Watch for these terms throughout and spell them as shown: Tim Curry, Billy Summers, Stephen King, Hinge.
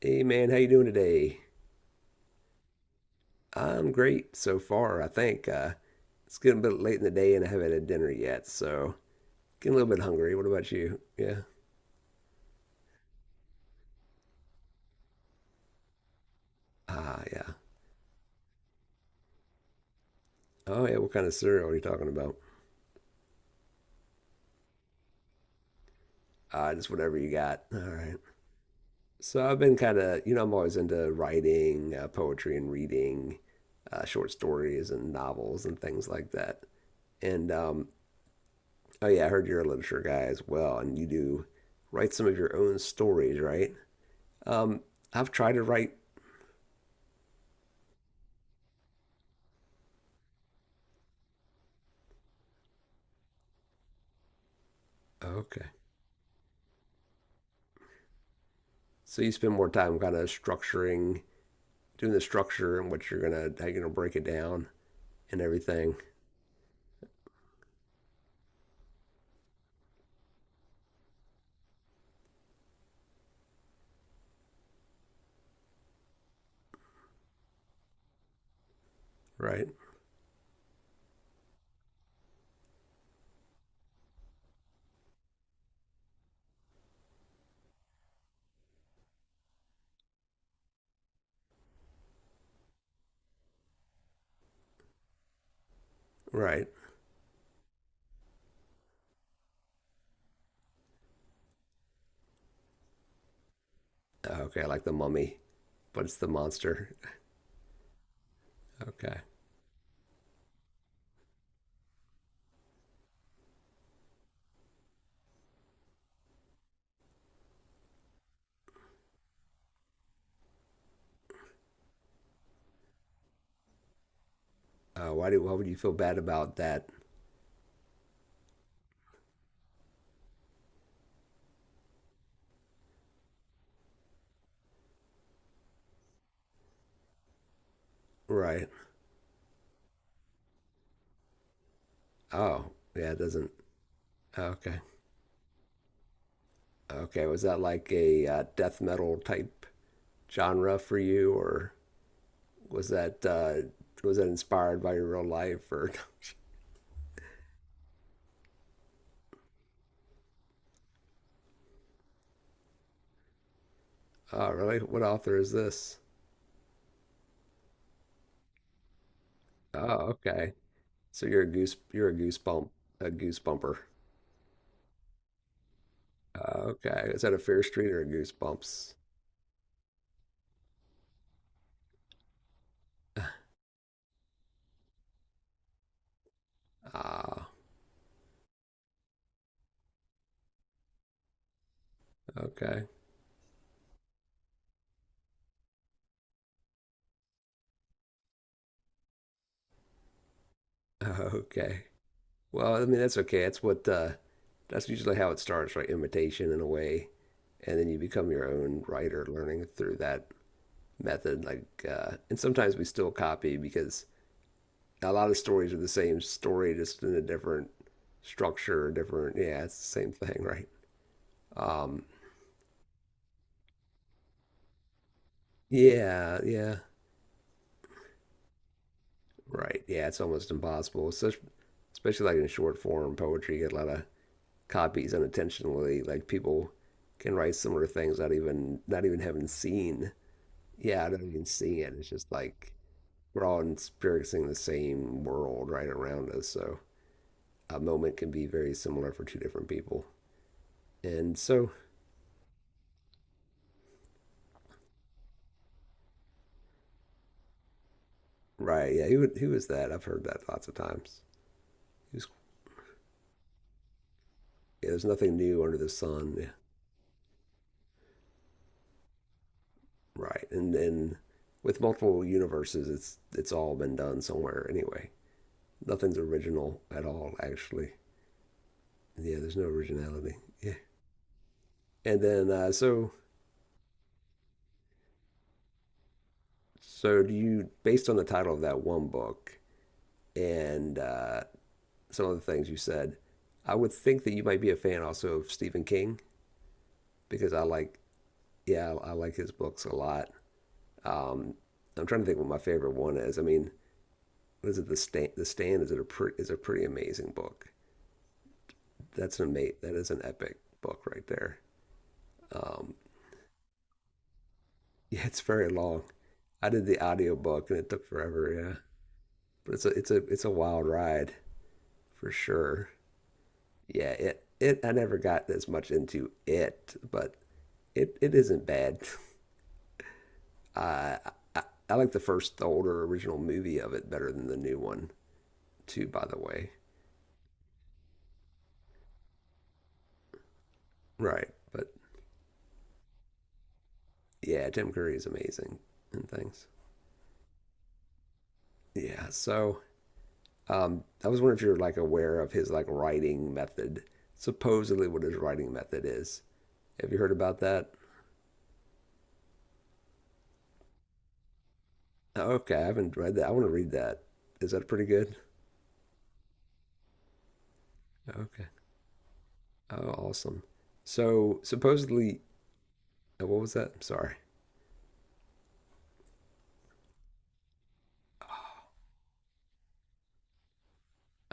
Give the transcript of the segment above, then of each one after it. Hey man, how you doing today? I'm great so far, I think. It's getting a bit late in the day and I haven't had dinner yet, so getting a little bit hungry. What about you? Yeah. Ah, yeah. Oh yeah, what kind of cereal are you talking about? Ah, just whatever you got. All right. So I've been kind of, I'm always into writing, poetry and reading, short stories and novels and things like that. And oh yeah, I heard you're a literature guy as well, and you do write some of your own stories, right? Um, I've tried to write. Okay. So you spend more time kind of structuring, doing the structure and what you're gonna how you're gonna break it down and everything, right? Right. Okay, I like the mummy, but it's the monster. Okay. Why would you feel bad about that? Right. Oh, yeah, it doesn't. Okay. Okay. Was that like a death metal type genre for you, or was that uh, was that inspired by your real life? Or oh, really? What author is this? Oh, okay. So you're a goose. You're a goose bump, a goose bumper. Okay. Is that a fair street or a goose bumps? Ah. Okay. Okay. Well, I mean that's okay. That's what. That's usually how it starts, right? Imitation in a way, and then you become your own writer, learning through that method. Like, and sometimes we still copy because a lot of stories are the same story, just in a different structure, different. Yeah, it's the same thing, right? Um, yeah, yeah. Right. Yeah, it's almost impossible. Such, especially like in short form poetry, you get a lot of copies unintentionally. Like people can write similar things not even having seen. Yeah, not even seeing it. It's just like we're all experiencing the same world right around us. So a moment can be very similar for two different people. And so, right, yeah, who is that? I've heard that lots of times. Who's, yeah, there's nothing new under the sun. Right. And then with multiple universes, it's all been done somewhere anyway. Nothing's original at all, actually. Yeah, there's no originality. Yeah. And then so do you based on the title of that one book and some of the things you said, I would think that you might be a fan also of Stephen King because I like. Yeah, I like his books a lot. Um, I'm trying to think what my favorite one is. I mean, what is it? The Stand. The Stand is a pretty amazing book. That's an mate. That is an epic book right there. Um, yeah, it's very long. I did the audiobook and it took forever. Yeah, but it's a wild ride for sure. Yeah, it I never got as much into it, but it isn't bad. Uh, I I like the older original movie of it better than the new one too. By the way, right? But yeah, Tim Curry is amazing and things. Yeah, so I was wondering if you're like aware of his like writing method, supposedly what his writing method is. Have you heard about that? Oh, okay, I haven't read that. I want to read that. Is that pretty good? Okay. Oh, awesome. So supposedly, oh, what was that? I'm sorry.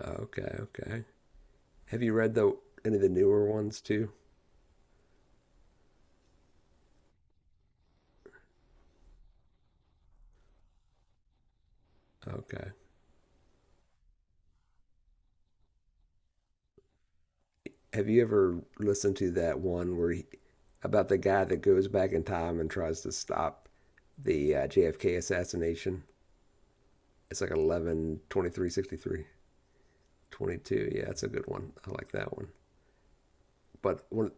Oh, okay, okay. Have you read the any of the newer ones too? Okay. Have you ever listened to that one where he, about the guy that goes back in time and tries to stop the JFK assassination? It's like 11/23/63 22. Yeah, that's a good one. I like that one. But one,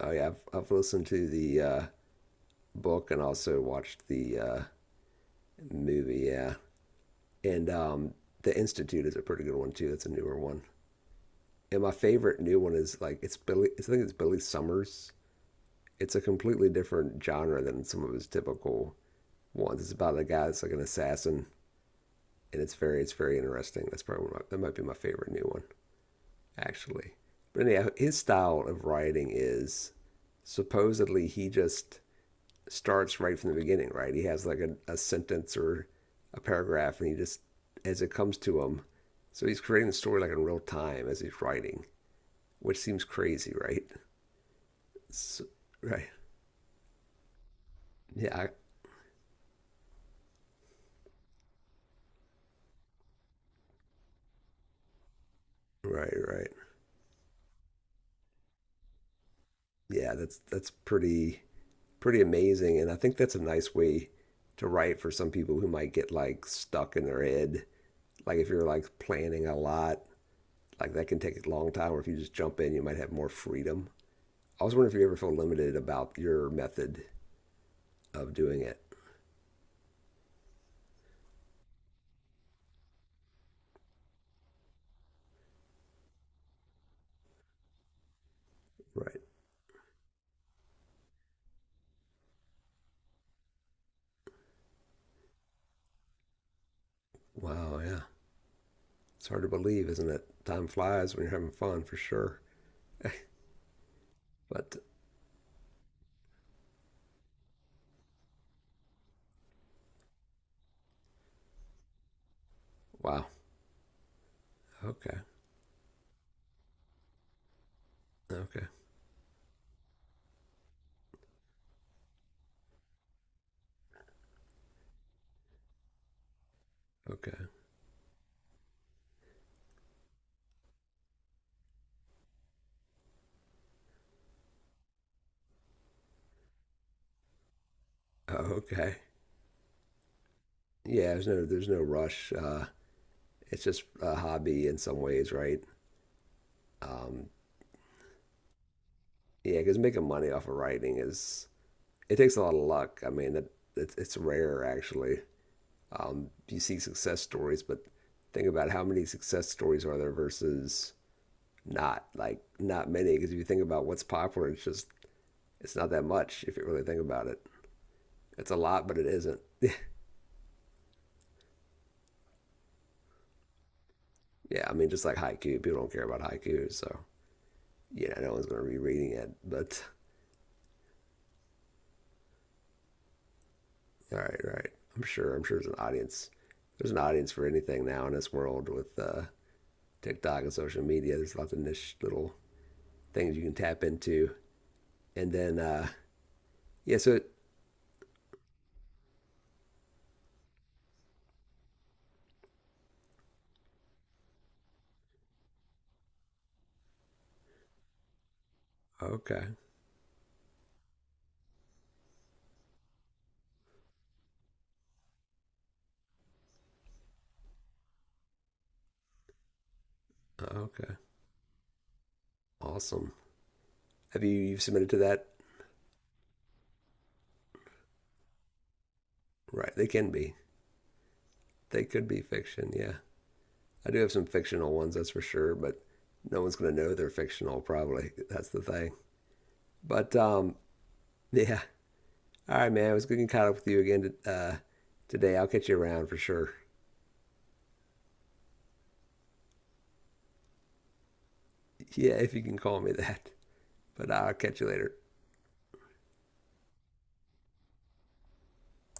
oh yeah, I've listened to the book and also watched the movie. Yeah, and the Institute is a pretty good one too. That's a newer one. And my favorite new one is like it's Billy. I think it's Billy Summers. It's a completely different genre than some of his typical ones. It's about a guy that's like an assassin, and it's very interesting. That's probably one of my, that might be my favorite new one. Actually. But anyhow, his style of writing is supposedly he just starts right from the beginning, right? He has like a sentence or a paragraph, and he just as it comes to him. So he's creating the story like in real time as he's writing, which seems crazy, right? So, right? Yeah. Right. Right. Yeah. That's pretty amazing, and I think that's a nice way to write for some people who might get like stuck in their head. Like if you're like planning a lot, like that can take a long time, or if you just jump in you might have more freedom. I was wondering if you ever felt limited about your method of doing it, right? Wow, yeah, it's hard to believe, isn't it? Time flies when you're having fun, for sure. But wow. Okay. Okay. Okay. Oh, okay. Yeah, there's no rush, it's just a hobby in some ways, right? um yeah, because making money off of writing is it takes a lot of luck. I mean that it's rare, actually. You see success stories, but think about how many success stories are there versus not, like, not many. Because if you think about what's popular, it's not that much if you really think about it. It's a lot, but it isn't. yeah, I mean, just like haiku, people don't care about haiku, so yeah, no one's going to be reading it. But all right, I'm sure. I'm sure there's an audience. There's an audience for anything now in this world with TikTok and social media. There's lots of niche little things you can tap into, and then yeah, so it, okay. Oh, okay. Awesome. Have you you've submitted to that? Right. They can be. They could be fiction. Yeah. I do have some fictional ones, that's for sure, but no one's going to know they're fictional, probably. That's the thing. But yeah. All right, man. It was good getting caught up with you again, today. I'll catch you around for sure. Yeah, if you can call me that. But I'll catch you later.